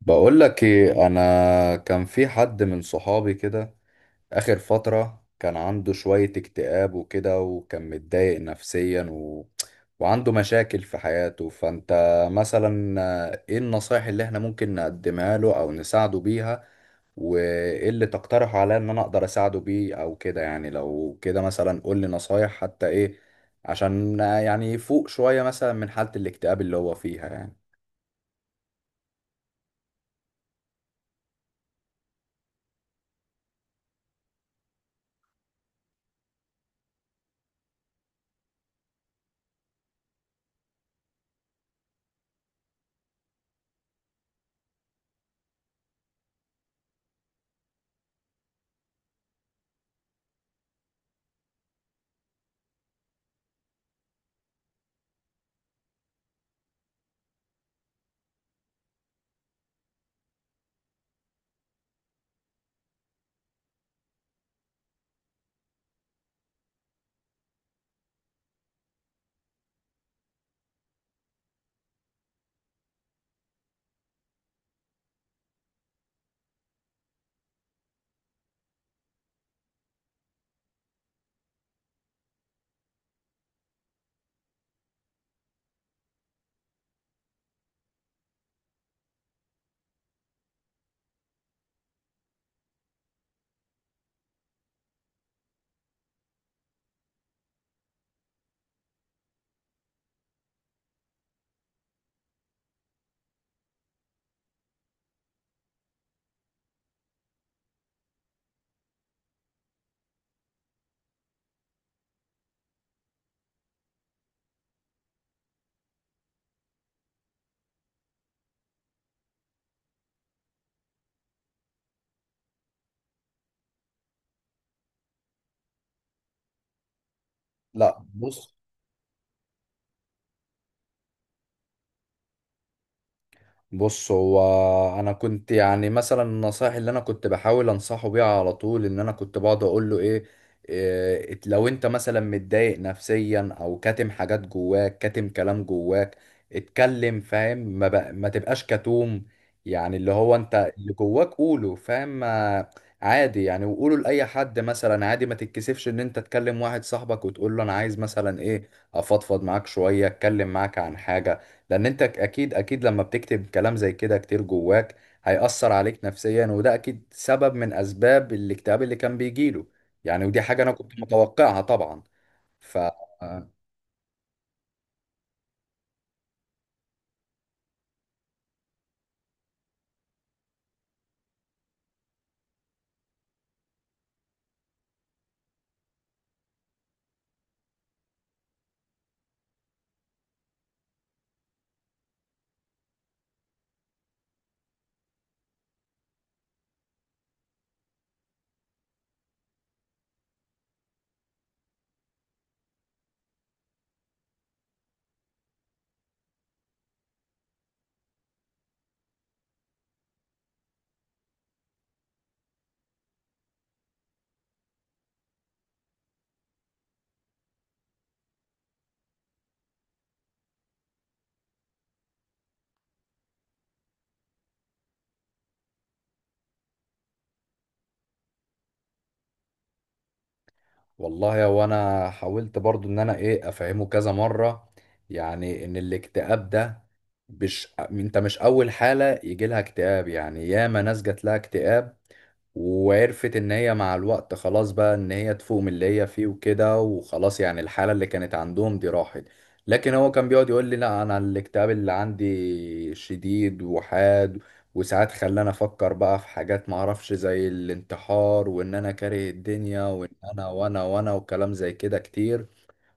بقول لك ايه، انا كان في حد من صحابي كده. اخر فترة كان عنده شوية اكتئاب وكده، وكان متضايق نفسيا وعنده مشاكل في حياته. فانت مثلا، ايه النصايح اللي احنا ممكن نقدمها له او نساعده بيها؟ وايه اللي تقترح عليا ان انا اقدر اساعده بيه او كده؟ يعني لو كده مثلا قول لي نصايح حتى ايه عشان يعني يفوق شوية مثلا من حالة الاكتئاب اللي هو فيها يعني. لا بص. هو انا كنت يعني مثلا النصائح اللي انا كنت بحاول انصحه بيها على طول، ان انا كنت بقعد اقول له ايه، إيه لو انت مثلا متضايق نفسيا او كاتم حاجات جواك، كاتم كلام جواك، اتكلم. فاهم؟ ما تبقاش كتوم. يعني اللي هو انت اللي جواك قوله. فاهم؟ عادي يعني، وقوله لاي حد مثلا، عادي ما تتكسفش ان انت تكلم واحد صاحبك وتقول له انا عايز مثلا ايه افضفض معاك شوية، اتكلم معاك عن حاجة. لان انت اكيد لما بتكتب كلام زي كده كتير جواك، هيأثر عليك نفسيا، وده اكيد سبب من اسباب الاكتئاب اللي كان بيجيله يعني. ودي حاجة انا كنت متوقعها طبعا. ف والله، وانا حاولت برضو ان انا ايه افهمه كذا مرة، يعني ان الاكتئاب ده، مش انت مش اول حالة يجي لها اكتئاب يعني، ياما ناس جات لها اكتئاب وعرفت ان هي مع الوقت خلاص بقى ان هي تفوق من اللي هي فيه وكده، وخلاص يعني الحالة اللي كانت عندهم دي راحت. لكن هو كان بيقعد يقول لي لا انا الاكتئاب اللي عندي شديد وحاد، وساعات خلاني افكر بقى في حاجات ما اعرفش زي الانتحار، وان انا كاره الدنيا، وان انا وانا وانا وكلام زي كده كتير.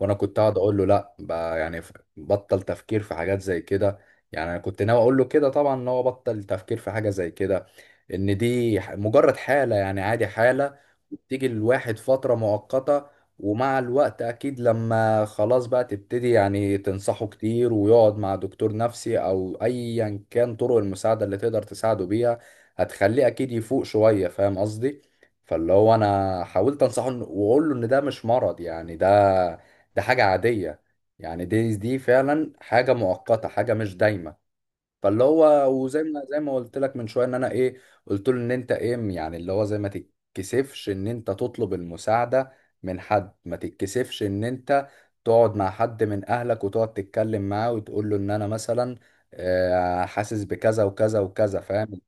وانا كنت قاعد اقول له لا بقى يعني، بطل تفكير في حاجات زي كده. يعني انا كنت ناوي اقول له كده طبعا، ان هو بطل تفكير في حاجه زي كده، ان دي مجرد حاله يعني، عادي، حاله بتيجي الواحد فتره مؤقته. ومع الوقت اكيد لما خلاص بقى تبتدي يعني تنصحه كتير، ويقعد مع دكتور نفسي، او ايا كان طرق المساعده اللي تقدر تساعده بيها، هتخليه اكيد يفوق شويه. فاهم قصدي؟ فاللي هو انا حاولت انصحه واقول له ان ده مش مرض يعني، ده ده حاجة عادية. يعني دي فعلا حاجة مؤقتة، حاجة مش دايمة. فاللي هو وزي ما زي ما قلت لك من شوية، ان انا ايه قلت له ان انت ايه يعني اللي هو زي ما تتكسفش ان انت تطلب المساعدة من حد، ما تتكسفش ان انت تقعد مع حد من اهلك وتقعد تتكلم معاه وتقول له ان انا مثلا حاسس بكذا وكذا وكذا. فاهم؟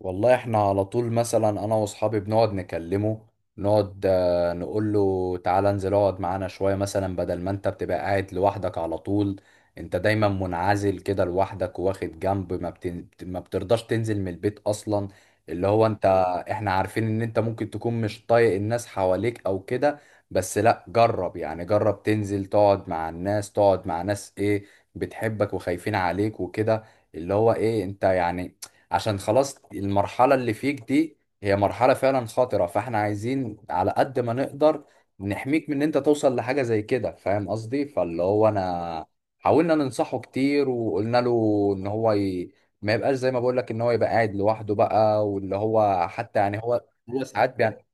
والله احنا على طول مثلا انا واصحابي بنقعد نكلمه، نقعد نقول له تعالى انزل اقعد معانا شوية، مثلا بدل ما انت بتبقى قاعد لوحدك على طول، انت دايما منعزل كده لوحدك واخد جنب، ما بترضاش تنزل من البيت اصلا. اللي هو انت، احنا عارفين ان انت ممكن تكون مش طايق الناس حواليك او كده، بس لا جرب يعني، جرب تنزل تقعد مع الناس، تقعد مع ناس ايه بتحبك وخايفين عليك وكده. اللي هو ايه انت يعني، عشان خلاص المرحلة اللي فيك دي هي مرحلة فعلا خطرة، فاحنا عايزين على قد ما نقدر نحميك من ان انت توصل لحاجة زي كده. فاهم قصدي؟ فاللي هو انا حاولنا ننصحه كتير، وقلنا له ان ما يبقاش زي ما بقول لك ان هو يبقى قاعد لوحده بقى. واللي هو حتى يعني هو ساعات بيعمل.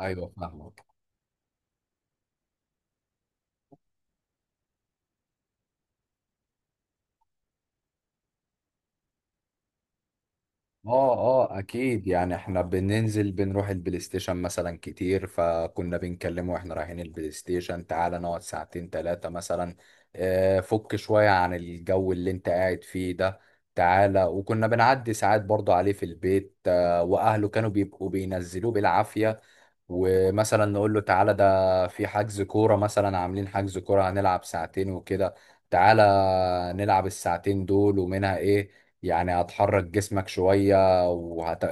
ايوه فاهمك. اه. اه اكيد يعني احنا بننزل بنروح البلاي ستيشن مثلا كتير، فكنا بنكلمه واحنا رايحين البلاي ستيشن تعالى نقعد ساعتين تلاتة مثلا، فك شوية عن الجو اللي انت قاعد فيه ده، تعالى. وكنا بنعدي ساعات برضه عليه في البيت، واهله كانوا بيبقوا بينزلوه بالعافية. ومثلا نقول له تعالى ده في حجز كورة مثلا، عاملين حجز كورة هنلعب ساعتين وكده، تعالى نلعب الساعتين دول ومنها ايه، يعني هتحرك جسمك شوية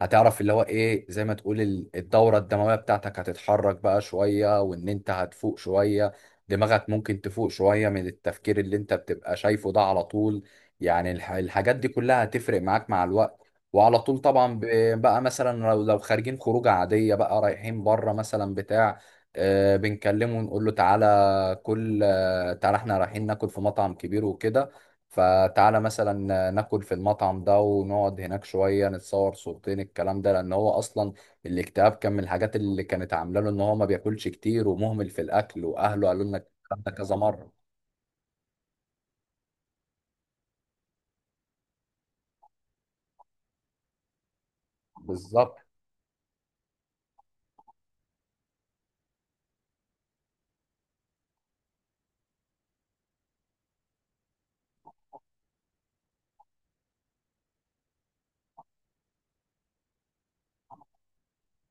هتعرف اللي هو ايه زي ما تقول الدورة الدموية بتاعتك هتتحرك بقى شوية، وان انت هتفوق شوية، دماغك ممكن تفوق شوية من التفكير اللي انت بتبقى شايفه ده على طول. يعني الحاجات دي كلها هتفرق معاك مع الوقت. وعلى طول طبعا بقى مثلا لو لو خارجين خروجه عاديه بقى، رايحين بره مثلا بتاع، بنكلمه ونقول له تعالى كل، تعالى احنا رايحين ناكل في مطعم كبير وكده، فتعالى مثلا ناكل في المطعم ده ونقعد هناك شويه نتصور صورتين، الكلام ده لان هو اصلا الاكتئاب كان من الحاجات اللي كانت عامله له ان هو ما بياكلش كتير ومهمل في الاكل، واهله قالوا لنا الكلام ده كذا مره. بالظبط.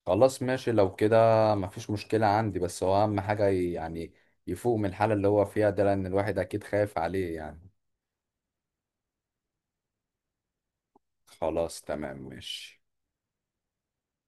خلاص ماشي لو كده. مفيش مشكلة عندي، بس هو أهم حاجة يعني يفوق من الحالة اللي هو فيها ده، لأن الواحد أكيد خايف عليه يعني. خلاص تمام ماشي.